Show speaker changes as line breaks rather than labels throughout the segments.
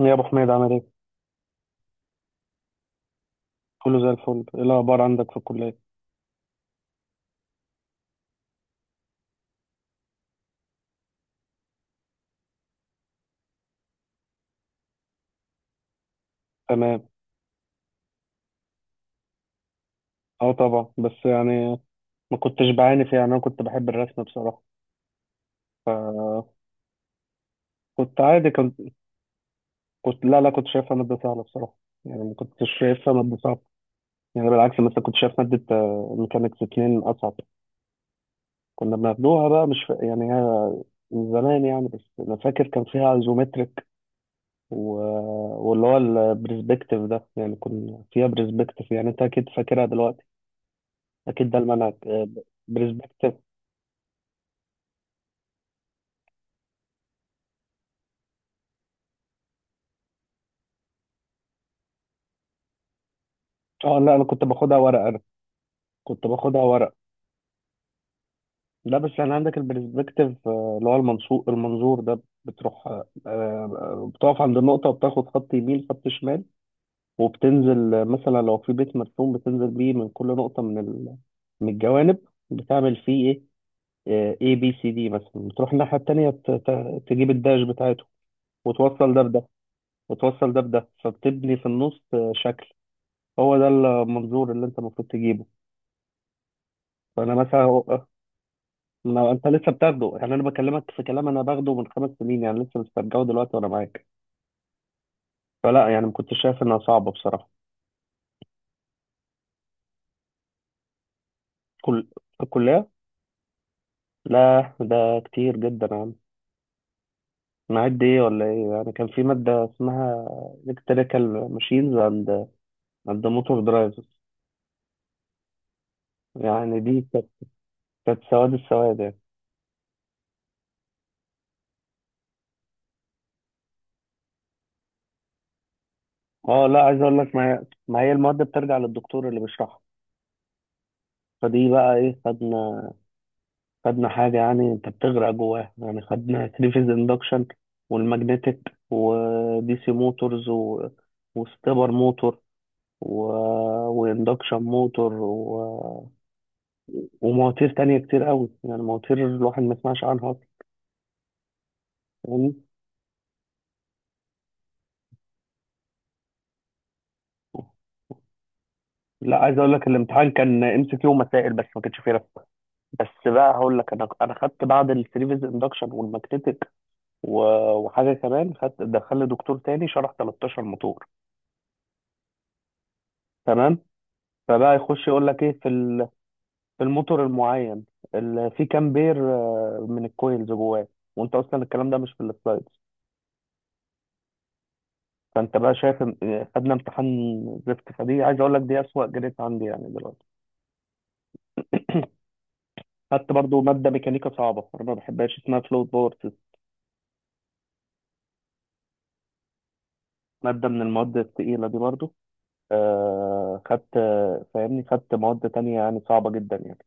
يا ابو حميد، عامل ايه؟ كله زي الفل. ايه الاخبار عندك في الكليه؟ تمام. اه طبعا، بس يعني ما كنتش بعاني فيها، يعني انا كنت بحب الرسم بصراحه. كنت عادي، كنت لا لا، كنت شايفها ماده سهله بصراحه. يعني ما كنتش شايفها ماده صعبه. يعني بالعكس مثلا كنت شايف ماده ميكانيكس اتنين اصعب. كنا بناخدوها بقى، مش ف... يعني هي من زمان يعني. بس انا فاكر كان فيها ايزومتريك و... واللي هو البرسبكتيف ده، يعني كنا فيها برسبكتيف. يعني انت اكيد فاكرها دلوقتي، اكيد ده المنهج. برسبكتيف. اه لا، انا كنت باخدها ورق انا، كنت باخدها ورق. لا بس يعني عندك البرسبكتيف اللي هو المنصور المنظور ده، بتروح بتقف عند النقطة وبتاخد خط يمين خط شمال، وبتنزل مثلا لو في بيت مرسوم بتنزل بيه من كل نقطة من من الجوانب. بتعمل فيه ايه اي بي سي دي مثلا، بتروح الناحية التانية تجيب الداش بتاعته وتوصل ده بده. وتوصل ده بده، فبتبني في النص شكل. هو ده المنظور اللي انت المفروض تجيبه. فانا مثلا، ما انت لسه بتاخده. يعني انا بكلمك في كلام انا باخده من 5 سنين، يعني لسه مسترجعه دلوقتي وانا معاك. فلا، يعني ما كنتش شايف انها صعبه بصراحه. كل في الكليه؟ لا ده كتير جدا يا عم. معد ايه ولا ايه؟ يعني كان في ماده اسمها الكتريكال ماشينز اند موتور درايفز. يعني دي كانت، كانت سواد السواد يعني. اه لا، عايز اقول لك ما هي المواد بترجع للدكتور اللي بيشرحها. فدي بقى ايه، خدنا حاجة، يعني انت بتغرق جواها. يعني خدنا ثري فيز اندكشن والماجنتيك، ودي سي موتورز وستبر موتور و... واندكشن موتور ومواتير تانية كتير قوي. يعني مواتير الواحد ما يسمعش عنها اصلا. فاهمني؟ لا، عايز اقول لك الامتحان كان ام سي كيو ومسائل بس، ما كانش فيه رسم. بس بقى هقول لك، انا خدت بعد الثري فيز اندكشن والماجنتيك و... وحاجه كمان خدت. دخلني دكتور تاني شرح 13 موتور. تمام. فبقى يخش يقول لك ايه في في الموتور المعين، في كام بير من الكويلز جواه، وانت اصلا الكلام ده مش في السلايدز. فانت بقى شايف، خدنا امتحان زفت. فدي عايز اقول لك دي اسوأ جريد عندي يعني دلوقتي. خدت برضو ماده ميكانيكا صعبه انا ما بحبهاش، اسمها فلوت باور سيستم، ماده من المواد الثقيله دي برضو. خدت، فاهمني، خدت مواد تانية يعني صعبه جدا يعني.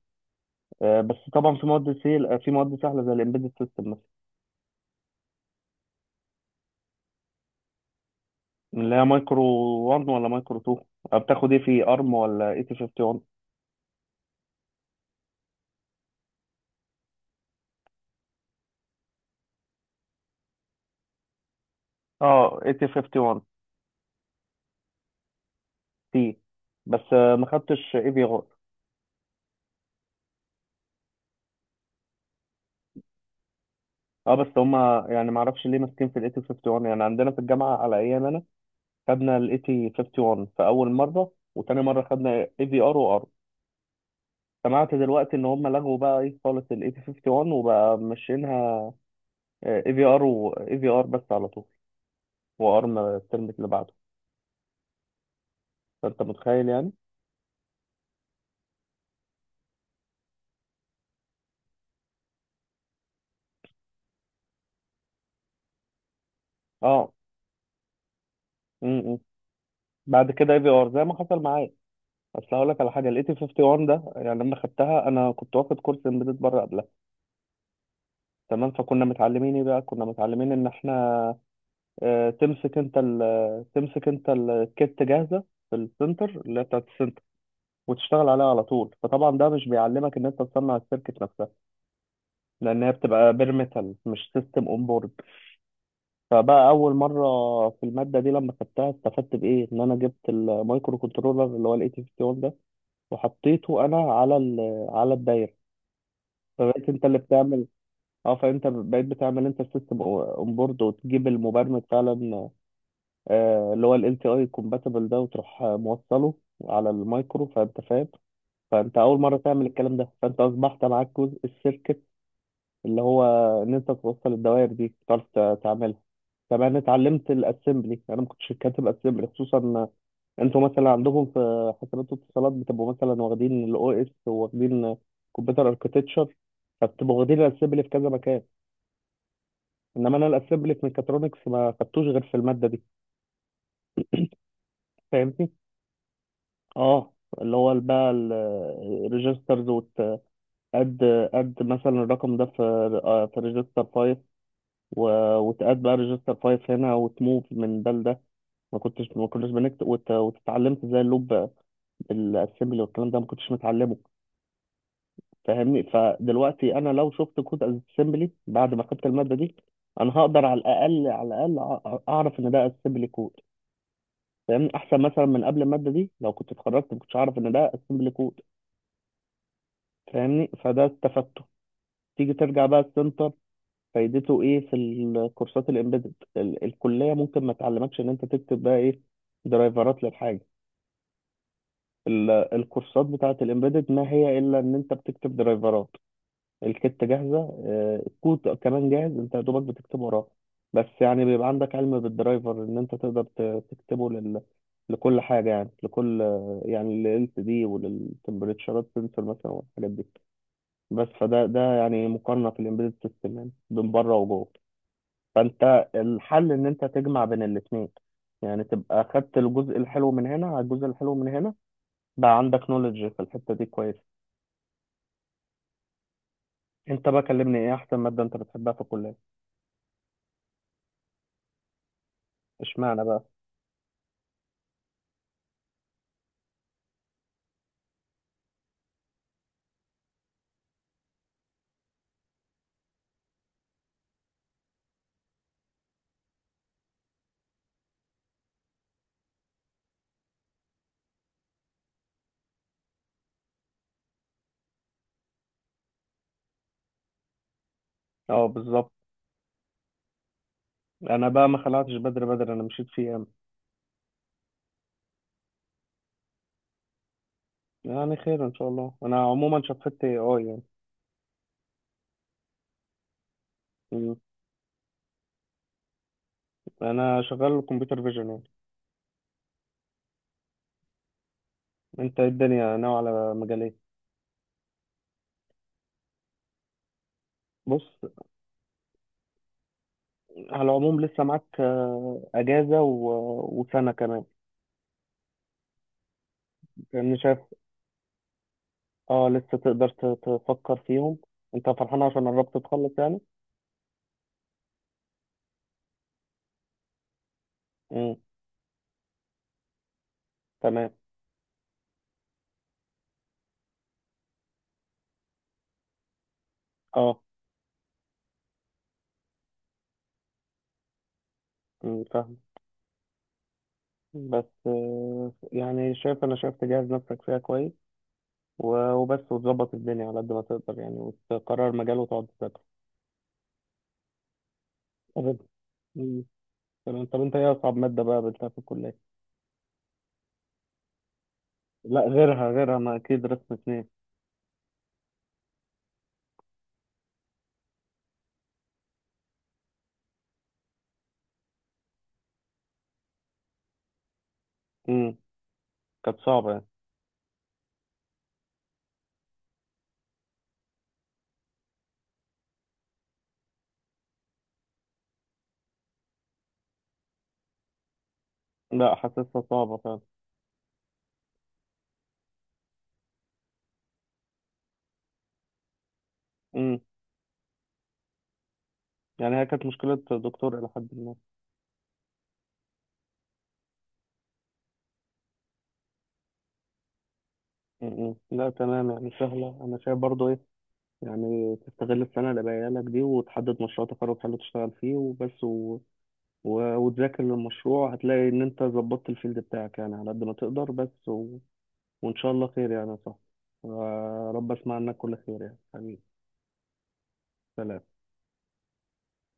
بس طبعا في مواد سهل في مواد سهله زي الامبيدد سيستم، اللي هي مايكرو 1 ولا مايكرو 2. بتاخد ايه في ارم ولا اي تي 51؟ اه اي تي 51 تي. بس ما خدتش اي في ار. اه، بس هما يعني ما اعرفش ليه ماسكين في الاي تي 51. يعني عندنا في الجامعه على ايام انا خدنا الاي تي 51 في اول مره، وتاني مره خدنا اي في ار وار. سمعت دلوقتي ان هم لغوا بقى ايه خالص الاي تي 51، وبقى ماشيينها اي في ار بس على طول، وارم الترم اللي بعده. فانت متخيل يعني. اه، بعد كده اي في ار، زي ما حصل معايا. اصل هقول لك على حاجه. الاي تي 51 ده، يعني لما خدتها انا كنت واخد كورس امبيدد بره قبلها. تمام. فكنا متعلمين ايه بقى؟ كنا متعلمين ان احنا تمسك انت الكيت جاهزه في السنتر، اللي هي بتاعت السنتر، وتشتغل عليها على طول. فطبعا ده مش بيعلمك ان انت تصنع السيركت نفسها، لان هي بتبقى بير ميتال مش سيستم اون بورد. فبقى اول مره في الماده دي لما خدتها استفدت بايه؟ ان انا جبت المايكرو كنترولر اللي هو الاي تي 51، وحطيته انا على على الدايره. فبقيت انت اللي بتعمل. اه، فانت بقيت بتعمل انت السيستم اون بورد، وتجيب المبرمج فعلا اللي هو ال LTI compatible ده، وتروح موصله على المايكرو. فانت فاهم. فانت اول مره تعمل الكلام ده، فانت اصبحت معاك جزء السيركت، اللي هو ان انت توصل الدوائر دي، تعرف تعملها. طب انا اتعلمت الاسمبلي، انا ما كنتش كاتب اسمبلي خصوصا. انتوا مثلا عندكم في حسابات واتصالات بتبقوا مثلا واخدين الاو اس، وواخدين كمبيوتر اركتكتشر، فبتبقوا واخدين الاسمبلي في كذا مكان. انما انا الاسمبلي في ميكاترونكس ما خدتوش غير في الماده دي. فاهمني. اه، اللي هو بقى الريجسترز، وتقد مثلا الرقم ده في في ريجستر 5، وتقد بقى ريجستر 5 هنا، وتموف من ده لده. ما كناش بنكتب، وتتعلمت ازاي اللوب. الاسمبلي والكلام ده ما كنتش متعلمه. فاهمني. فدلوقتي انا لو شفت كود اسمبلي بعد ما خدت الماده دي، انا هقدر على الاقل، على الاقل اعرف ان ده اسمبلي كود. فاهمني، احسن مثلا من قبل الماده دي لو كنت اتخرجت ما كنتش اعرف ان ده اسمبلي كود. فاهمني. فده استفدته. تيجي ترجع بقى السنتر، فايدته ايه في الكورسات الامبيدد؟ الكليه ممكن ما تعلمكش ان انت تكتب بقى ايه درايفرات للحاجه. الكورسات بتاعه الامبيدد ما هي الا ان انت بتكتب درايفرات. الكتة جاهزة، الكود كمان جاهز، انت يا دوبك بتكتب وراه. بس يعني بيبقى عندك علم بالدرايفر ان انت تقدر تكتبه لكل حاجة. يعني لكل، يعني لل إل سي دي وللتمبريتشرات سنسور مثلا والحاجات دي. بس فده يعني مقارنة في الامبيدد سيستم، يعني بين بره وجوه. فانت الحل ان انت تجمع بين الاثنين، يعني تبقى خدت الجزء الحلو من هنا على الجزء الحلو من هنا، بقى عندك نولج في الحتة دي كويس. انت بقى كلمني، ايه احسن مادة انت بتحبها في الكلية؟ اشمعنى بقى؟ اه بالظبط. انا بقى ما خلعتش بدري بدري، انا مشيت في ايام. يعني خير ان شاء الله. انا عموما شفت اي اي يعني. مم. انا شغال كمبيوتر فيجن يعني. انت إيه الدنيا ناوي على مجال ايه؟ بص، على العموم لسه معاك اجازه وسنه كمان. لان شايف اه لسه تقدر تفكر فيهم. انت فرحان عشان قربت تخلص يعني. امم. تمام. اه، فاهم. بس يعني شايف، انا شايف تجهز نفسك فيها كويس، وبس، وتظبط الدنيا على قد ما تقدر يعني، وتقرر مجال وتقعد تذاكر. طب. مم. تمام. طب انت ايه اصعب ماده بقى قابلتها في الكليه؟ لا غيرها، غيرها، ما اكيد رسم اتنين. امم. كانت صعبه يعني. لا حاسسها صعبه فعلا. امم. يعني هي كانت مشكله دكتور الى حد ما. امم. لا تمام، يعني سهله. انا شايف برضو ايه يعني، تستغل السنه اللي باقيه لك دي، وتحدد مشروع تخرج حلو تشتغل فيه وبس وتذاكر للمشروع. هتلاقي ان انت ظبطت الفيلد بتاعك يعني على قد ما تقدر بس وإن شاء الله خير يعني يا صاحبي. ورب أسمع عنك كل خير يعني حبيبي. سلام.